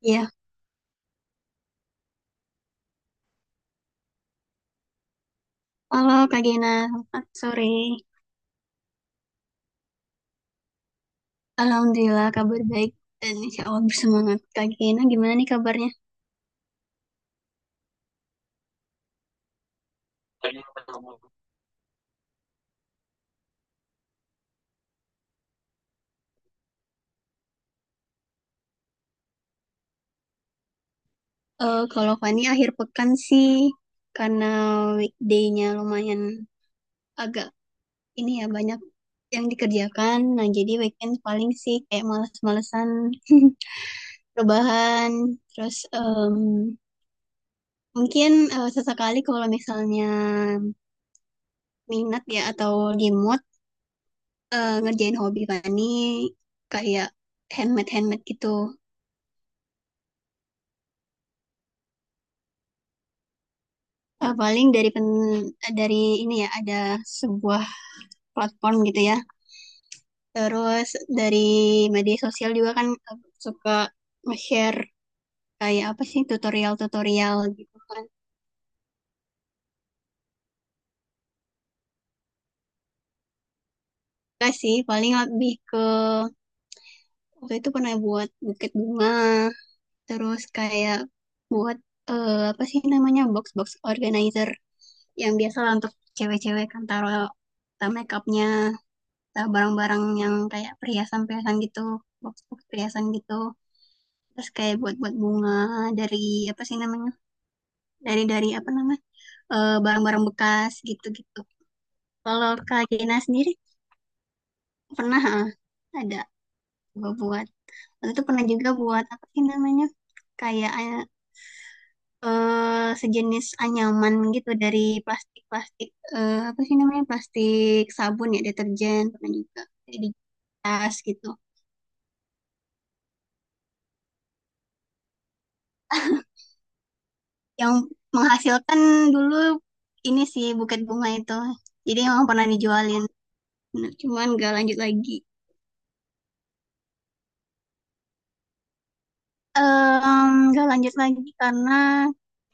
Iya, halo Kak Gina, selamat sore. Alhamdulillah kabar baik dan insya Allah bersemangat. Kak Gina gimana nih kabarnya? Kalau Fani akhir pekan sih, karena weekday-nya lumayan agak ini ya, banyak yang dikerjakan. Nah jadi weekend paling sih kayak males-malesan rebahan. Terus mungkin sesekali kalau misalnya minat ya, atau di mood ngerjain hobi Fani kayak handmade handmade gitu. Paling dari pen, dari ini ya, ada sebuah platform gitu ya. Terus dari media sosial juga kan, suka nge-share kayak apa sih, tutorial-tutorial gitu kan. Enggak sih, paling lebih ke waktu itu pernah buat buket bunga, terus kayak buat apa sih namanya, box-box organizer yang biasa lah untuk cewek-cewek kan, taruh taruh makeupnya, barang-barang yang kayak perhiasan-perhiasan gitu, box-box perhiasan gitu. Terus kayak buat-buat bunga dari apa sih namanya? Dari apa namanya? Barang-barang bekas gitu-gitu. Kalau Kak Gina sendiri pernah ah, ada gua buat. Waktu itu pernah juga buat apa sih namanya? Kayak sejenis anyaman gitu dari plastik-plastik, apa sih namanya? Plastik sabun ya, deterjen pernah juga. Kayak di tas gitu. Yang menghasilkan dulu ini sih, buket bunga itu. Jadi emang pernah dijualin. Nah, cuman gak lanjut lagi. Em, gak lanjut lagi karena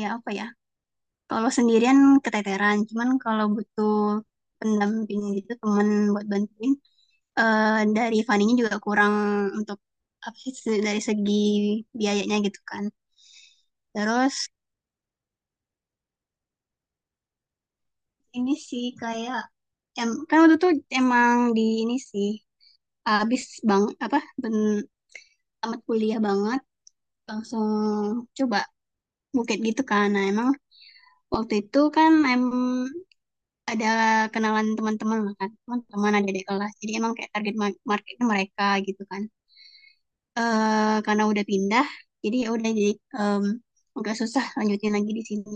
ya apa ya? Kalau sendirian keteteran. Cuman kalau butuh pendamping gitu, temen buat bantuin. eh, dari fundingnya juga kurang untuk apa sih, se- dari segi biayanya gitu kan. Terus ini sih kayak kan waktu itu emang di ini sih habis bang apa ben, tamat kuliah banget langsung coba bukit gitu kan. Nah emang waktu itu kan ada kenalan teman-teman lah kan, teman-teman ada di kelas, jadi emang kayak target ma- marketnya mereka gitu kan. Eh karena udah pindah, jadi ya udah jadi em, nggak susah lanjutin lagi di sini.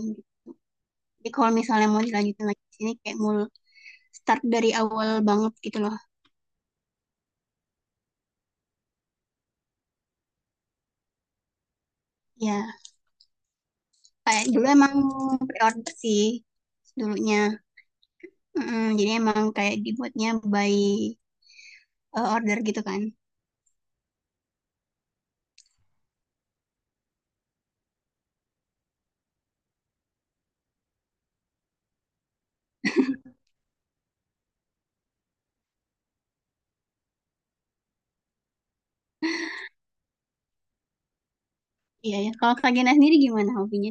Jadi kalau misalnya mau dilanjutin lagi di sini kayak mul start dari awal banget gitu loh. Ya kayak dulu emang pre-order sih dulunya. Jadi emang kayak dibuatnya by order gitu kan. Iya ya. Kalau Kak Gena sendiri gimana hobinya?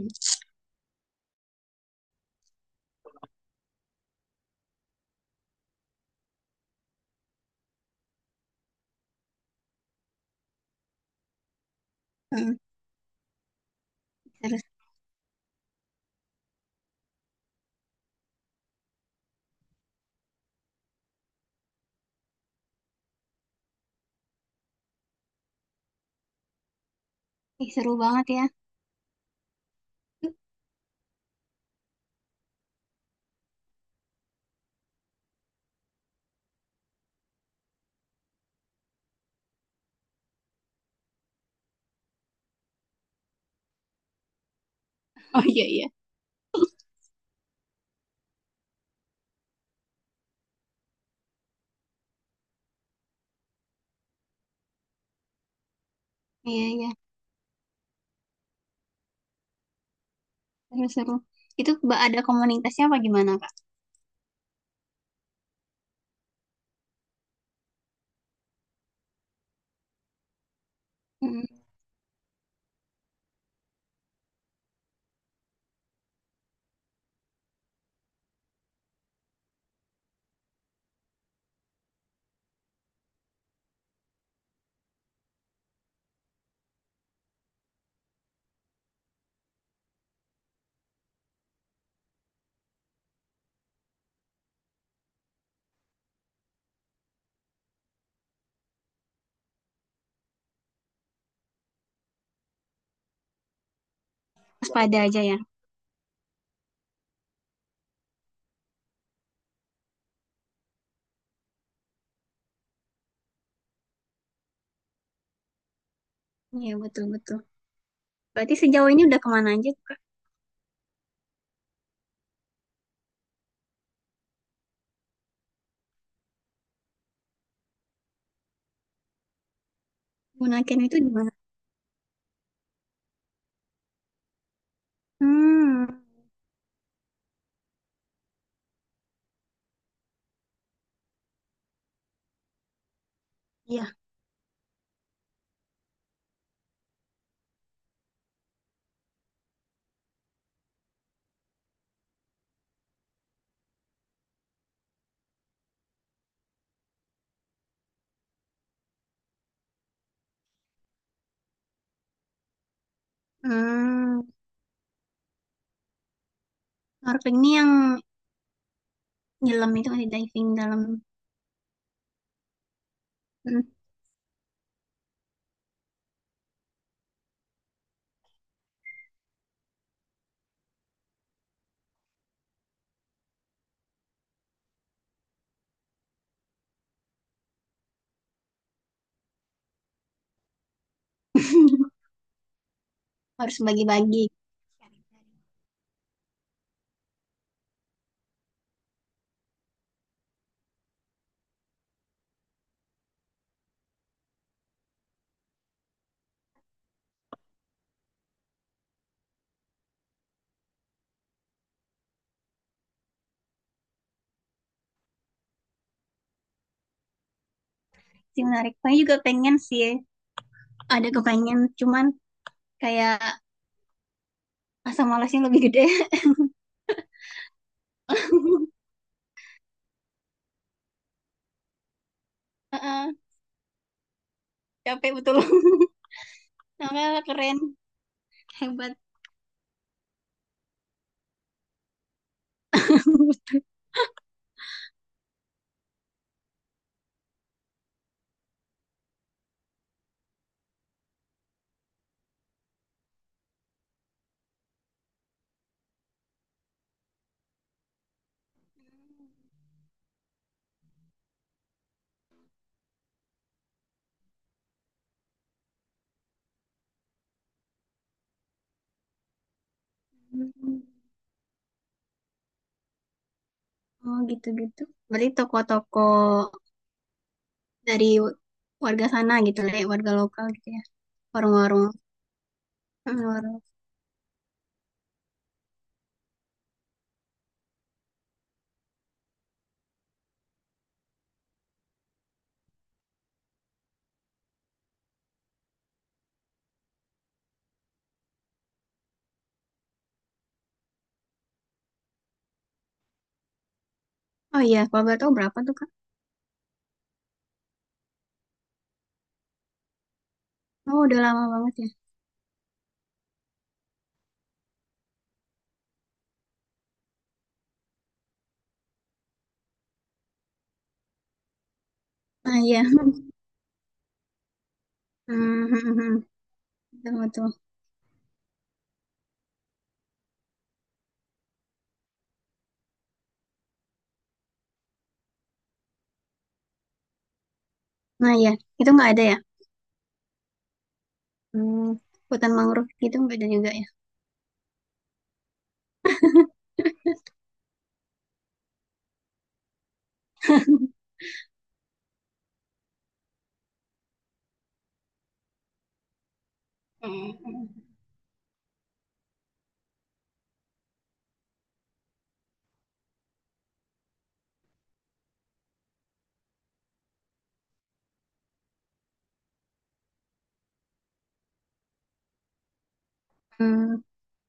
Mm, seru, ih, seru banget ya. Oh iya iya. Iya iya. Seru seru. Itu ba- ada komunitasnya apa gimana Kak? Mm, waspada aja ya. Iya betul betul. Berarti sejauh ini udah kemana aja tuh, Kak? Bunaken itu di mana? Hmm. Iya. Hmm. Snorkeling ini yang nyelam itu kan di diving dalam. Mm. Harus bagi-bagi. Sih menarik. Saya juga pengen sih. Ada kepengen, cuman kayak asam malasnya lebih gede. Heeh, capek betul. Namanya keren, hebat. Oh gitu-gitu. Berarti toko-toko dari warga sana gitu lah ya, warga lokal gitu ya. Warung-warung. Hmm, warung. Oh iya, kalau boleh tahu berapa tuh Kak? Oh udah lama banget ya. Nah iya. Hmm, hmm, hmm, hmm. Betul, betul. Nah iya, itu nggak ada ya? Hmm, hutan mangrove gitu nggak ada juga ya? Hmm,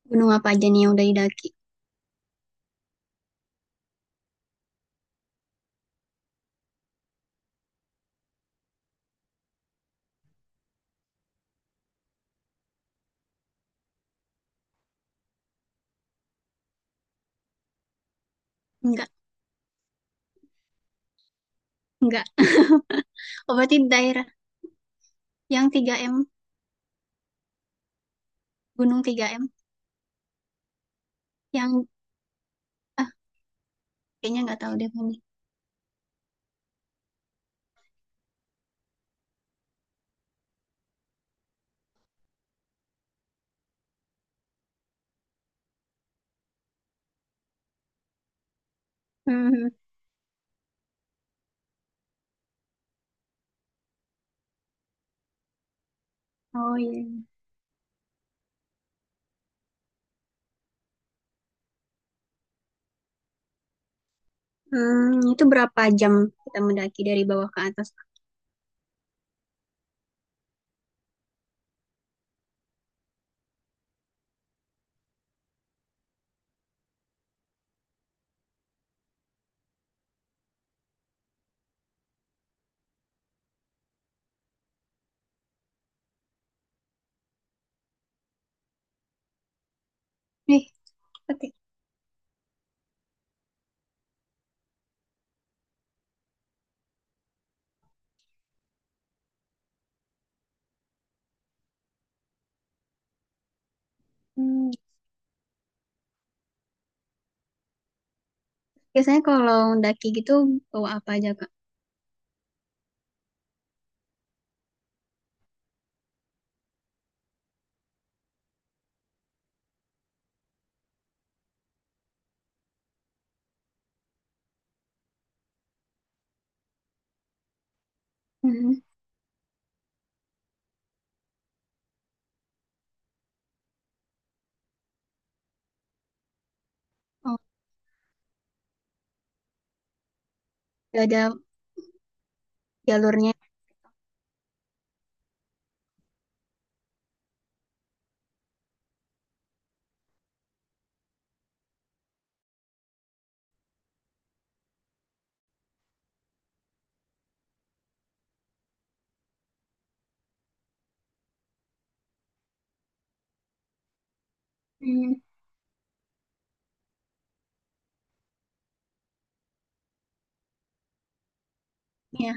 gunung apa aja nih yang udah didaki? Nggak. Enggak. Oh, berarti daerah yang tiga m. Gunung tiga m. Yang, ah, kayaknya nggak tahu deh ini. Mhm. Oh iya. Hmm, itu berapa jam kita mendaki dari bawah ke atas? Nih, oke. Hmm, biasanya kalau mendaki gitu bawa apa aja, Kak? Mhm. Oh, nggak ada jalurnya. Hmm, ya.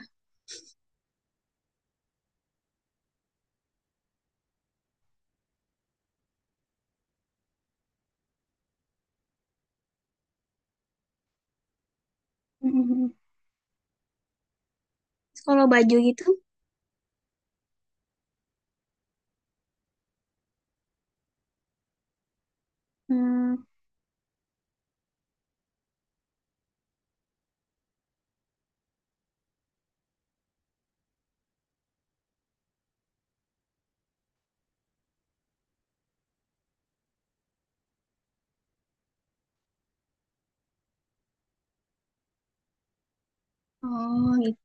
Mhm. Terus kalau baju gitu, hmm, oh gitu.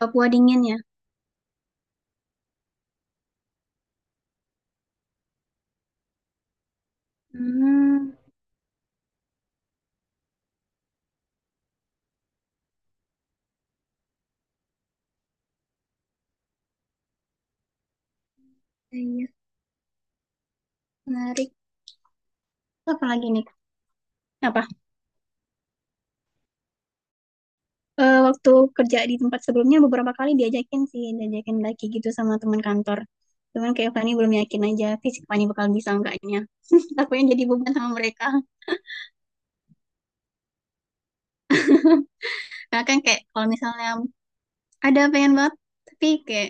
Papua dingin ya. Hmm, iya, menarik. Apa lagi nih? Apa? Waktu kerja di tempat sebelumnya beberapa kali diajakin sih, diajakin lagi gitu sama teman kantor. Cuman kayak Fani belum yakin aja fisik Fani bakal bisa enggaknya. Takutnya jadi beban sama mereka. Nah kan kayak kalau misalnya ada pengen banget, tapi kayak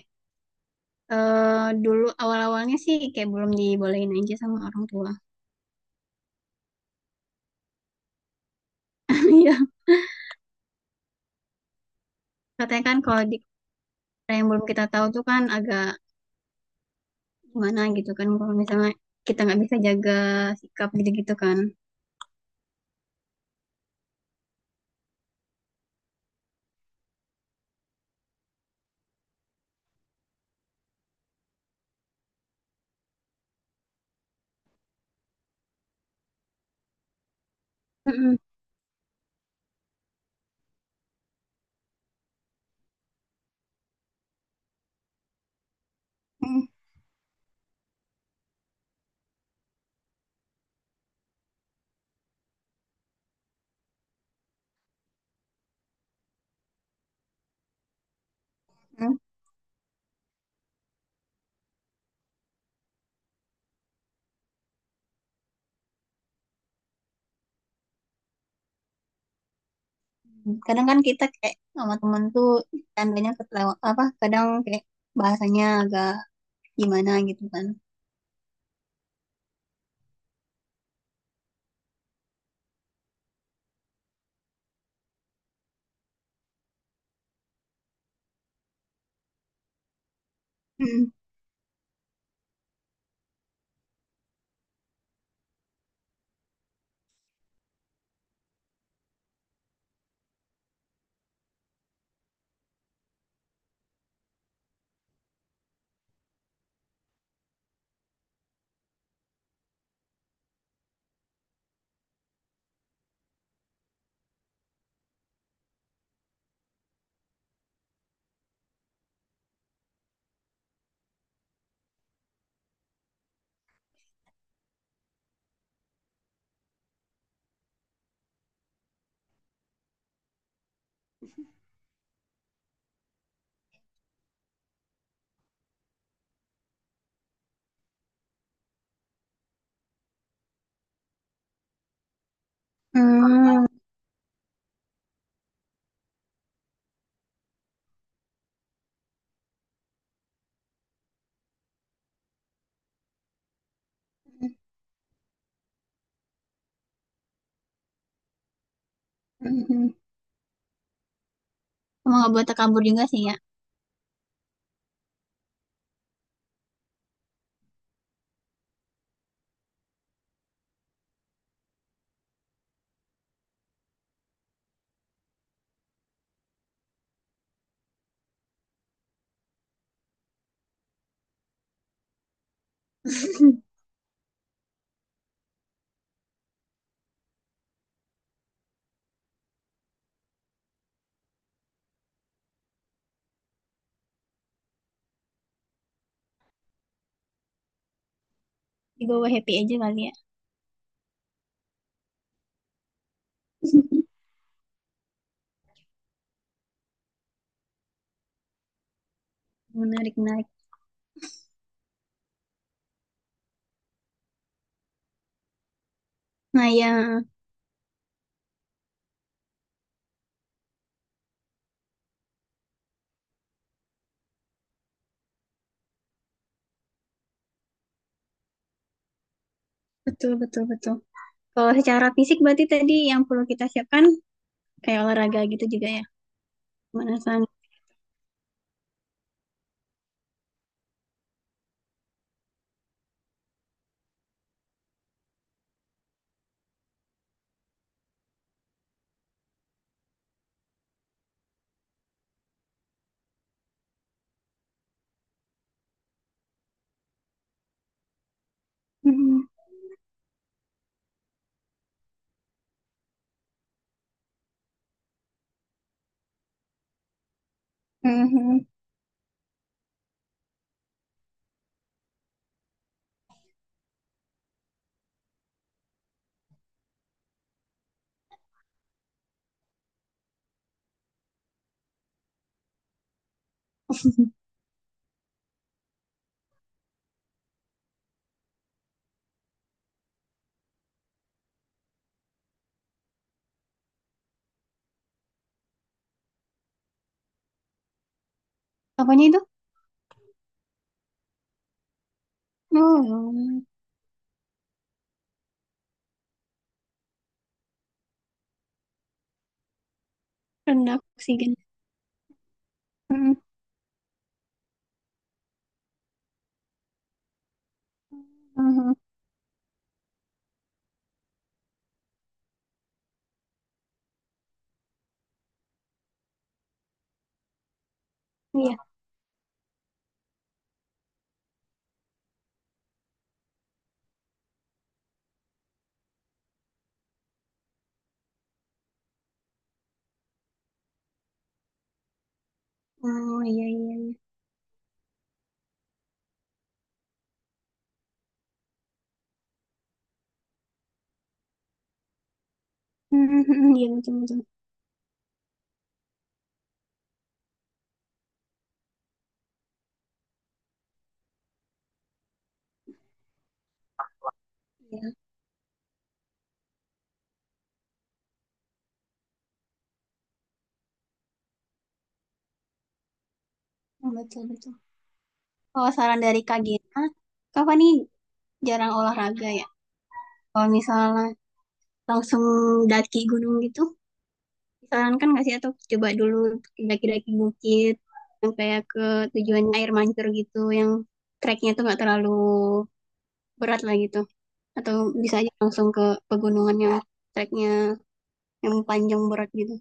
dulu awal-awalnya sih kayak belum dibolehin aja sama orang tua. Iya, katanya kan kalau di yang belum kita tahu tuh kan agak gimana gitu kan, kalau misalnya kita nggak bisa jaga sikap gitu-gitu kan. Mm-mm. Mm-mm. Kadang kan kita kayak sama temen tuh, tandanya ketelewat apa, kadang kayak bahasanya agak gimana gitu kan. Mm. Hmm. Mm-mm. Emang nggak boleh takabur juga sih ya. Dibawa happy aja kali ya. Menarik menarik. Nah ya, betul betul betul. Kalau secara fisik berarti tadi yang perlu kita siapkan kayak olahraga gitu juga ya, pemanasan. Mm-mm. Mm. Apanya itu? Oh ya. Rendah oksigen. Mm-mm. Mhm. Iya. Oh iya iya iya. Hmm, hmm, hmm, iya betul betul. Iya, betul betul. Kalau saran dari Kak Gina, Kak Fani jarang olahraga ya. Kalau misalnya langsung daki gunung gitu, disarankan nggak sih, atau coba dulu daki-daki bukit yang kayak ke tujuannya air mancur gitu, yang treknya tuh nggak terlalu berat lah gitu. Atau bisa aja langsung ke pegunungan yang treknya yang panjang berat gitu.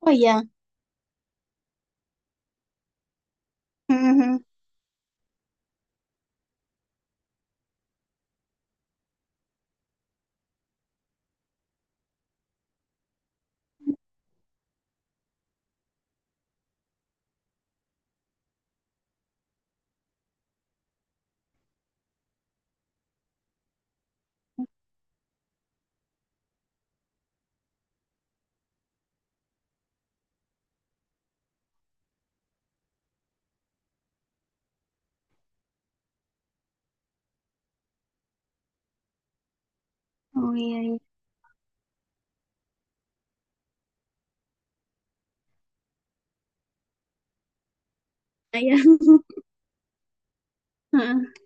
Oh iya. Hmm, hmm, hmm. Oh iya iya. Iya.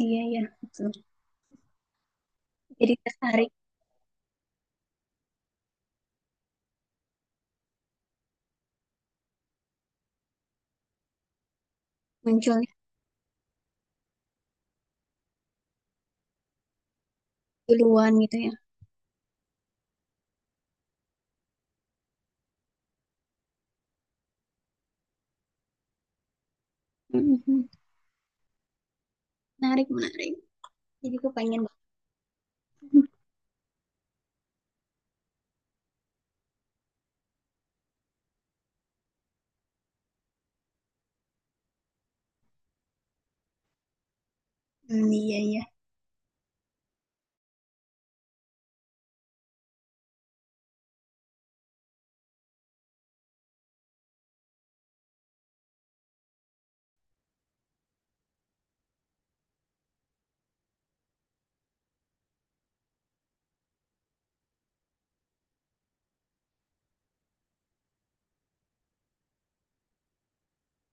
Iya, iya. Betul. Jadi tertarik munculnya duluan gitu ya. Mhm. Menarik, menarik. Jadi aku pengen banget. Hmm, iya, iya.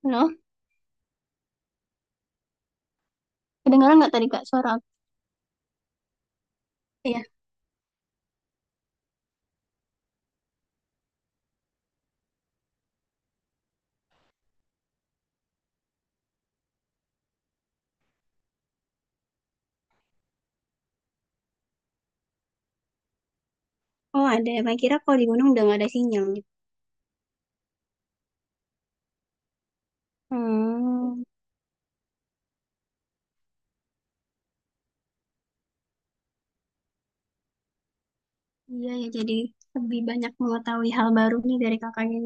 Halo, kedengaran nggak tadi Kak suara aku? Iya. Oh, ada. Makanya kira kalau di gunung udah nggak ada sinyal gitu. Hmm, iya ya. Jadi lebih banyak mengetahui hal baru nih dari kakaknya.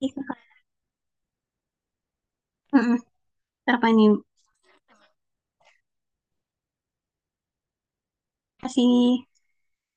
Iya, kakak. Mhm. Ntar apa nih? Kasih